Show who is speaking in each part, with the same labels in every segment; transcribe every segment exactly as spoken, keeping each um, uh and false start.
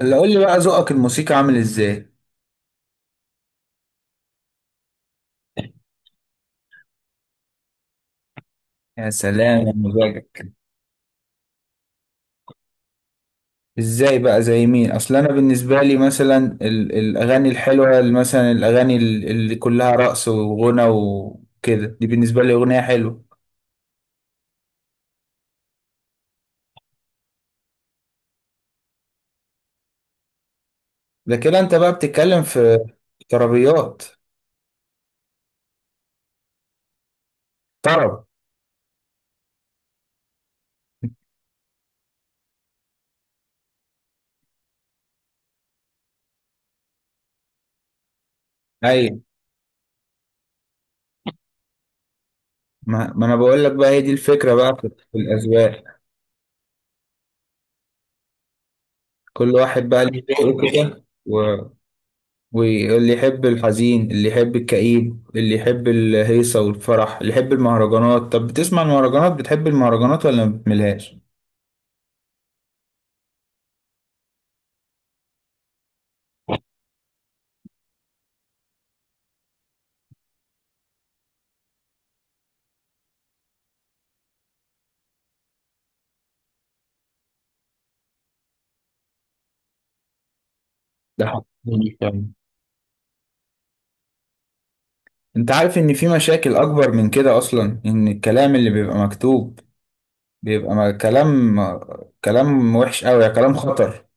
Speaker 1: اللي قول لي بقى، ذوقك الموسيقى عامل ازاي؟ يا سلام، يا مزاجك. ازاي بقى؟ زي مين؟ اصل انا بالنسبه لي مثلا ال- الاغاني الحلوه، اللي مثلا الاغاني ال- اللي كلها رقص وغنى وكده، دي بالنسبه لي اغنيه حلوه. ده كده انت بقى بتتكلم في طربيات. طرب. ايوه. ما, ما انا بقول لك بقى، هي دي الفكره بقى في في الاذواق. كل واحد بقى ليه ذوق كده. واللي يحب الحزين، اللي يحب الكئيب، اللي يحب الهيصة والفرح، اللي يحب المهرجانات. طب بتسمع المهرجانات؟ بتحب المهرجانات ولا ما بتملهاش؟ ده حق جميل فعلا. انت عارف ان في مشاكل اكبر من كده اصلا؟ ان الكلام اللي بيبقى مكتوب بيبقى م- كلام كلام وحش قوي، كلام خطر.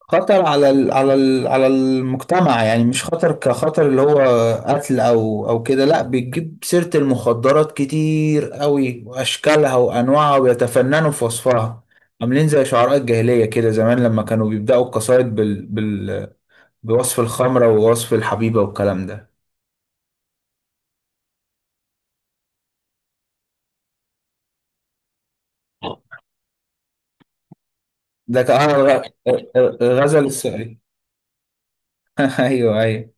Speaker 1: خطر على ال على ال على المجتمع، يعني مش خطر كخطر اللي هو قتل او او كده، لا. بتجيب سيرة المخدرات كتير قوي، واشكالها وانواعها، ويتفننوا في وصفها. عاملين زي شعراء الجاهلية كده، زمان لما كانوا بيبدأوا القصايد بال بال بوصف الخمرة ووصف الحبيبة والكلام ده. ده كان آه، غ- غزل السؤال. ايوه، ايوه.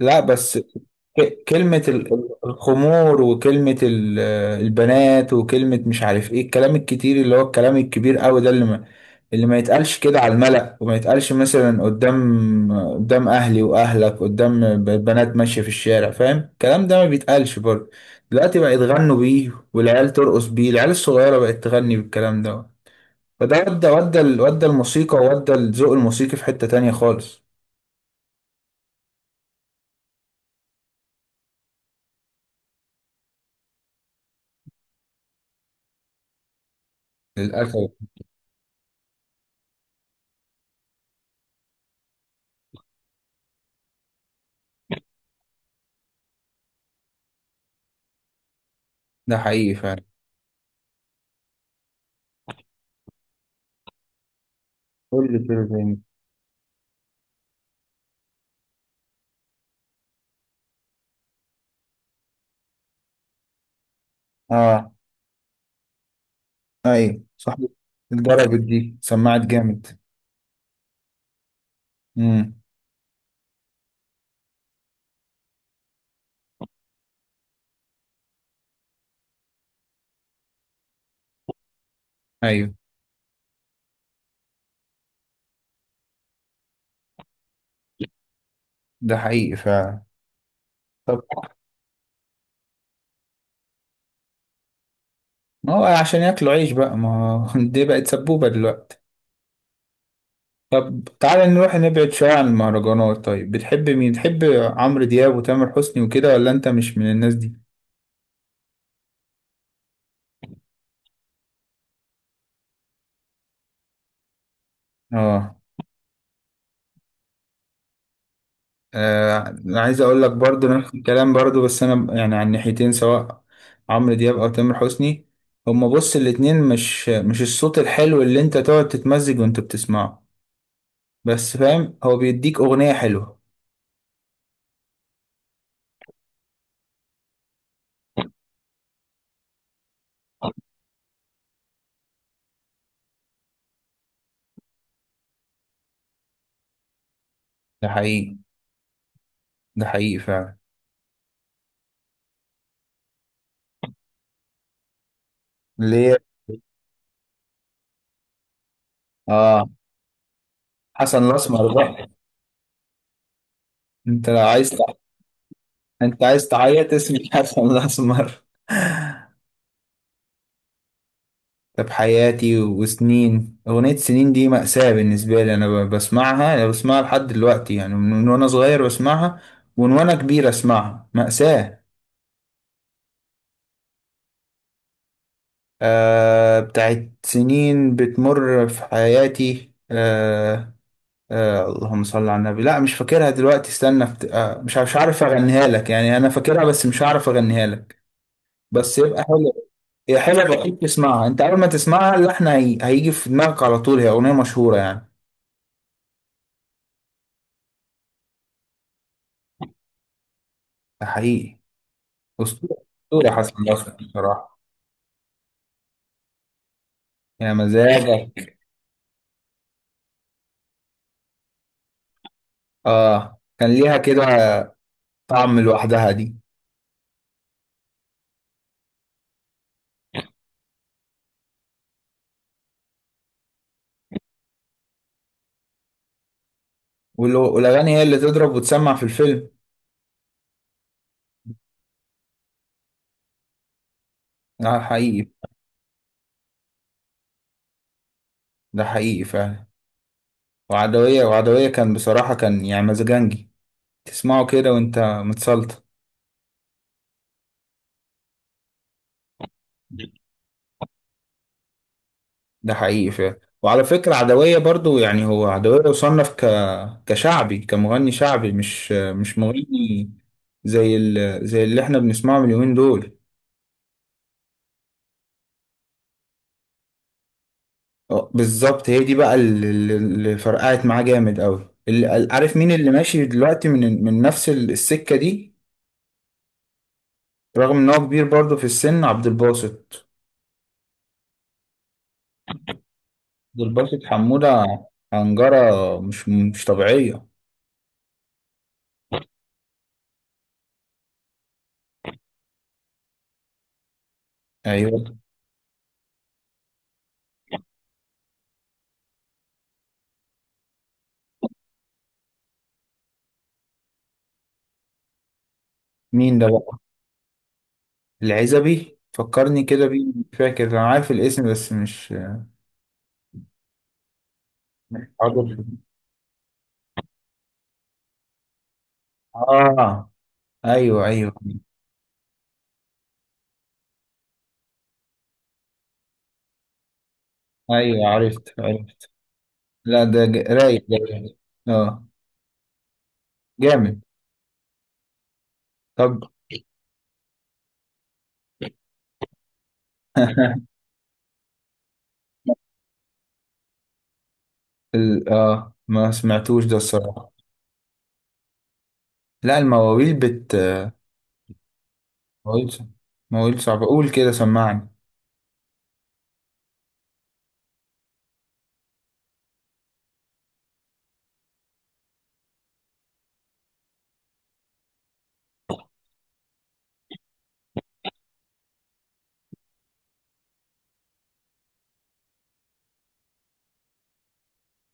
Speaker 1: لا بس ك- كلمة ال- ال- الخمور، وكلمة ال- البنات، وكلمة مش عارف ايه، الكلام الكتير اللي هو الكلام الكبير قوي ده، اللي ما اللي ما يتقالش كده على الملأ، وما يتقالش مثلا قدام قدام اهلي واهلك، قدام ب- بنات ماشية في الشارع، فاهم؟ الكلام ده ما بيتقالش برضه. دلوقتي بقى يتغنوا بيه، والعيال ترقص بيه، العيال الصغيرة بقت تغني بالكلام ده. فده ودى ودى ال- ودى الموسيقى، وودى الذوق الموسيقي في حتة تانية خالص. للأسف. ده حقيقي فعلا. قول لي كده تاني. اه، ايوه، صح. اتضربت دي، سمعت جامد. امم. ايوه. ده حقيقي فعلا. طب. ما هو عشان ياكلوا عيش بقى، ما هو دي بقت سبوبة دلوقتي. طب تعالى نروح نبعد شوية عن المهرجانات. طيب، بتحب مين؟ تحب عمرو دياب وتامر حسني وكده ولا انت مش من الناس دي؟ اه. آه، انا عايز اقول لك برضو نفس الكلام، برضو بس انا يعني عن ناحيتين، سواء عمرو دياب او تامر حسني. هما بص، الاتنين مش مش الصوت الحلو اللي انت تقعد تتمزج وانت بتسمعه. بس فاهم، هو بيديك اغنيه حلوه. ده حقيقي. ده حقيقي فعلا. اللي هي؟ اه. حسن الاسمر بقى. انت لو عايز تع... انت عايز تعيط اسم حسن الاسمر؟ طب حياتي وسنين، اغنيه سنين دي مأساة بالنسبه لي. انا ب- بسمعها انا بسمعها لحد دلوقتي يعني، من من وانا صغير بسمعها. ومن وانا كبير اسمعها، مأساة. آه، بتاعت سنين بتمر في حياتي، آه. آه، اللهم صل على النبي. لا، مش فاكرها دلوقتي، استنى بت... آه مش مش عارف اغنيها لك يعني. انا فاكرها بس مش عارف اغنيها لك. بس يبقى حلو. هي حلوه، بقيت تسمعها انت، اول ما تسمعها اللحن هي... هيجي في دماغك على طول، هي اغنيه مشهوره يعني. ده حقيقي. اسطوره. اسطوره حسن الاسمر بصراحه. يا مزاجك. اه، كان ليها كده طعم لوحدها دي. وال- والاغاني هي اللي تضرب وتسمع في الفيلم. ده حقيقي. ده حقيقي فعلا. وعدويه وعدويه كان بصراحه، كان يعني مزاجنجي. تسمعه كده وانت متسلطن. ده حقيقي فعلا. وعلى فكرة عدوية برضو، يعني هو عدوية يصنف ك... كشعبي، كمغني شعبي، مش مش مغني. زي ال... زي اللي احنا بنسمعه من اليومين دول. اه، بالظبط. هي دي بقى اللي, اللي اللي فرقعت معاه جامد قوي. اللي... عارف مين اللي ماشي دلوقتي من من نفس ال- السكة دي؟ رغم ان هو كبير برضو في السن، عبد الباسط. عبد الباسط حمودة. عنجرة مش مش طبيعية. ايوه. مين ده بقى؟ العزبي فكرني كده بيه، مش فاكر، انا عارف الاسم بس مش مش حاضر. اه، ايوه، ايوه. ايوه عرفت عرفت. لا، ده ج- رايق ده. اه. جامد. طب. ال... اه، ما سمعتوش ده الصراحة. لا، المواويل بت مواويل ص- مواويل صعبة، قول كده سمعني.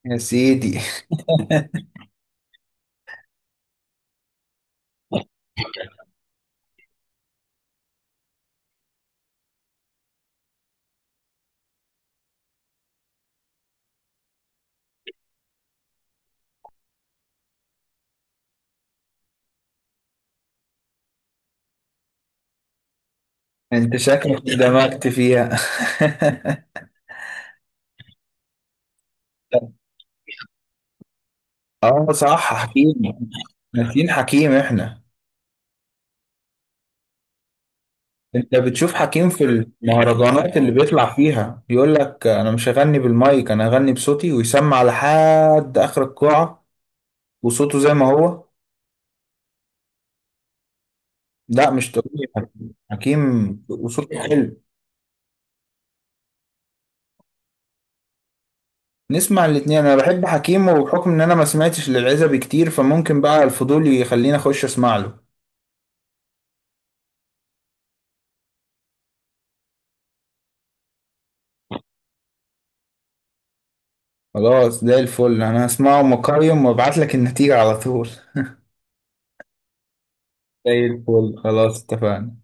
Speaker 1: يا سيدي. انت شكلك دمجت فيها. اه صح، حكيم. ناسيين حكيم احنا. انت بتشوف حكيم في المهرجانات اللي بيطلع فيها بيقول لك انا مش هغني بالمايك، انا هغني بصوتي ويسمع لحد اخر القاعة. وصوته زي ما هو. لا، مش طبيعي حكيم، حكيم وصوته حلو. نسمع الاتنين. انا بحب حكيم، وبحكم ان انا ما سمعتش للعزبي كتير، فممكن بقى الفضول يخليني اخش اسمع له. خلاص، زي الفل، انا هسمعه مقيم وابعت لك النتيجة على طول. زي الفل، خلاص، اتفقنا.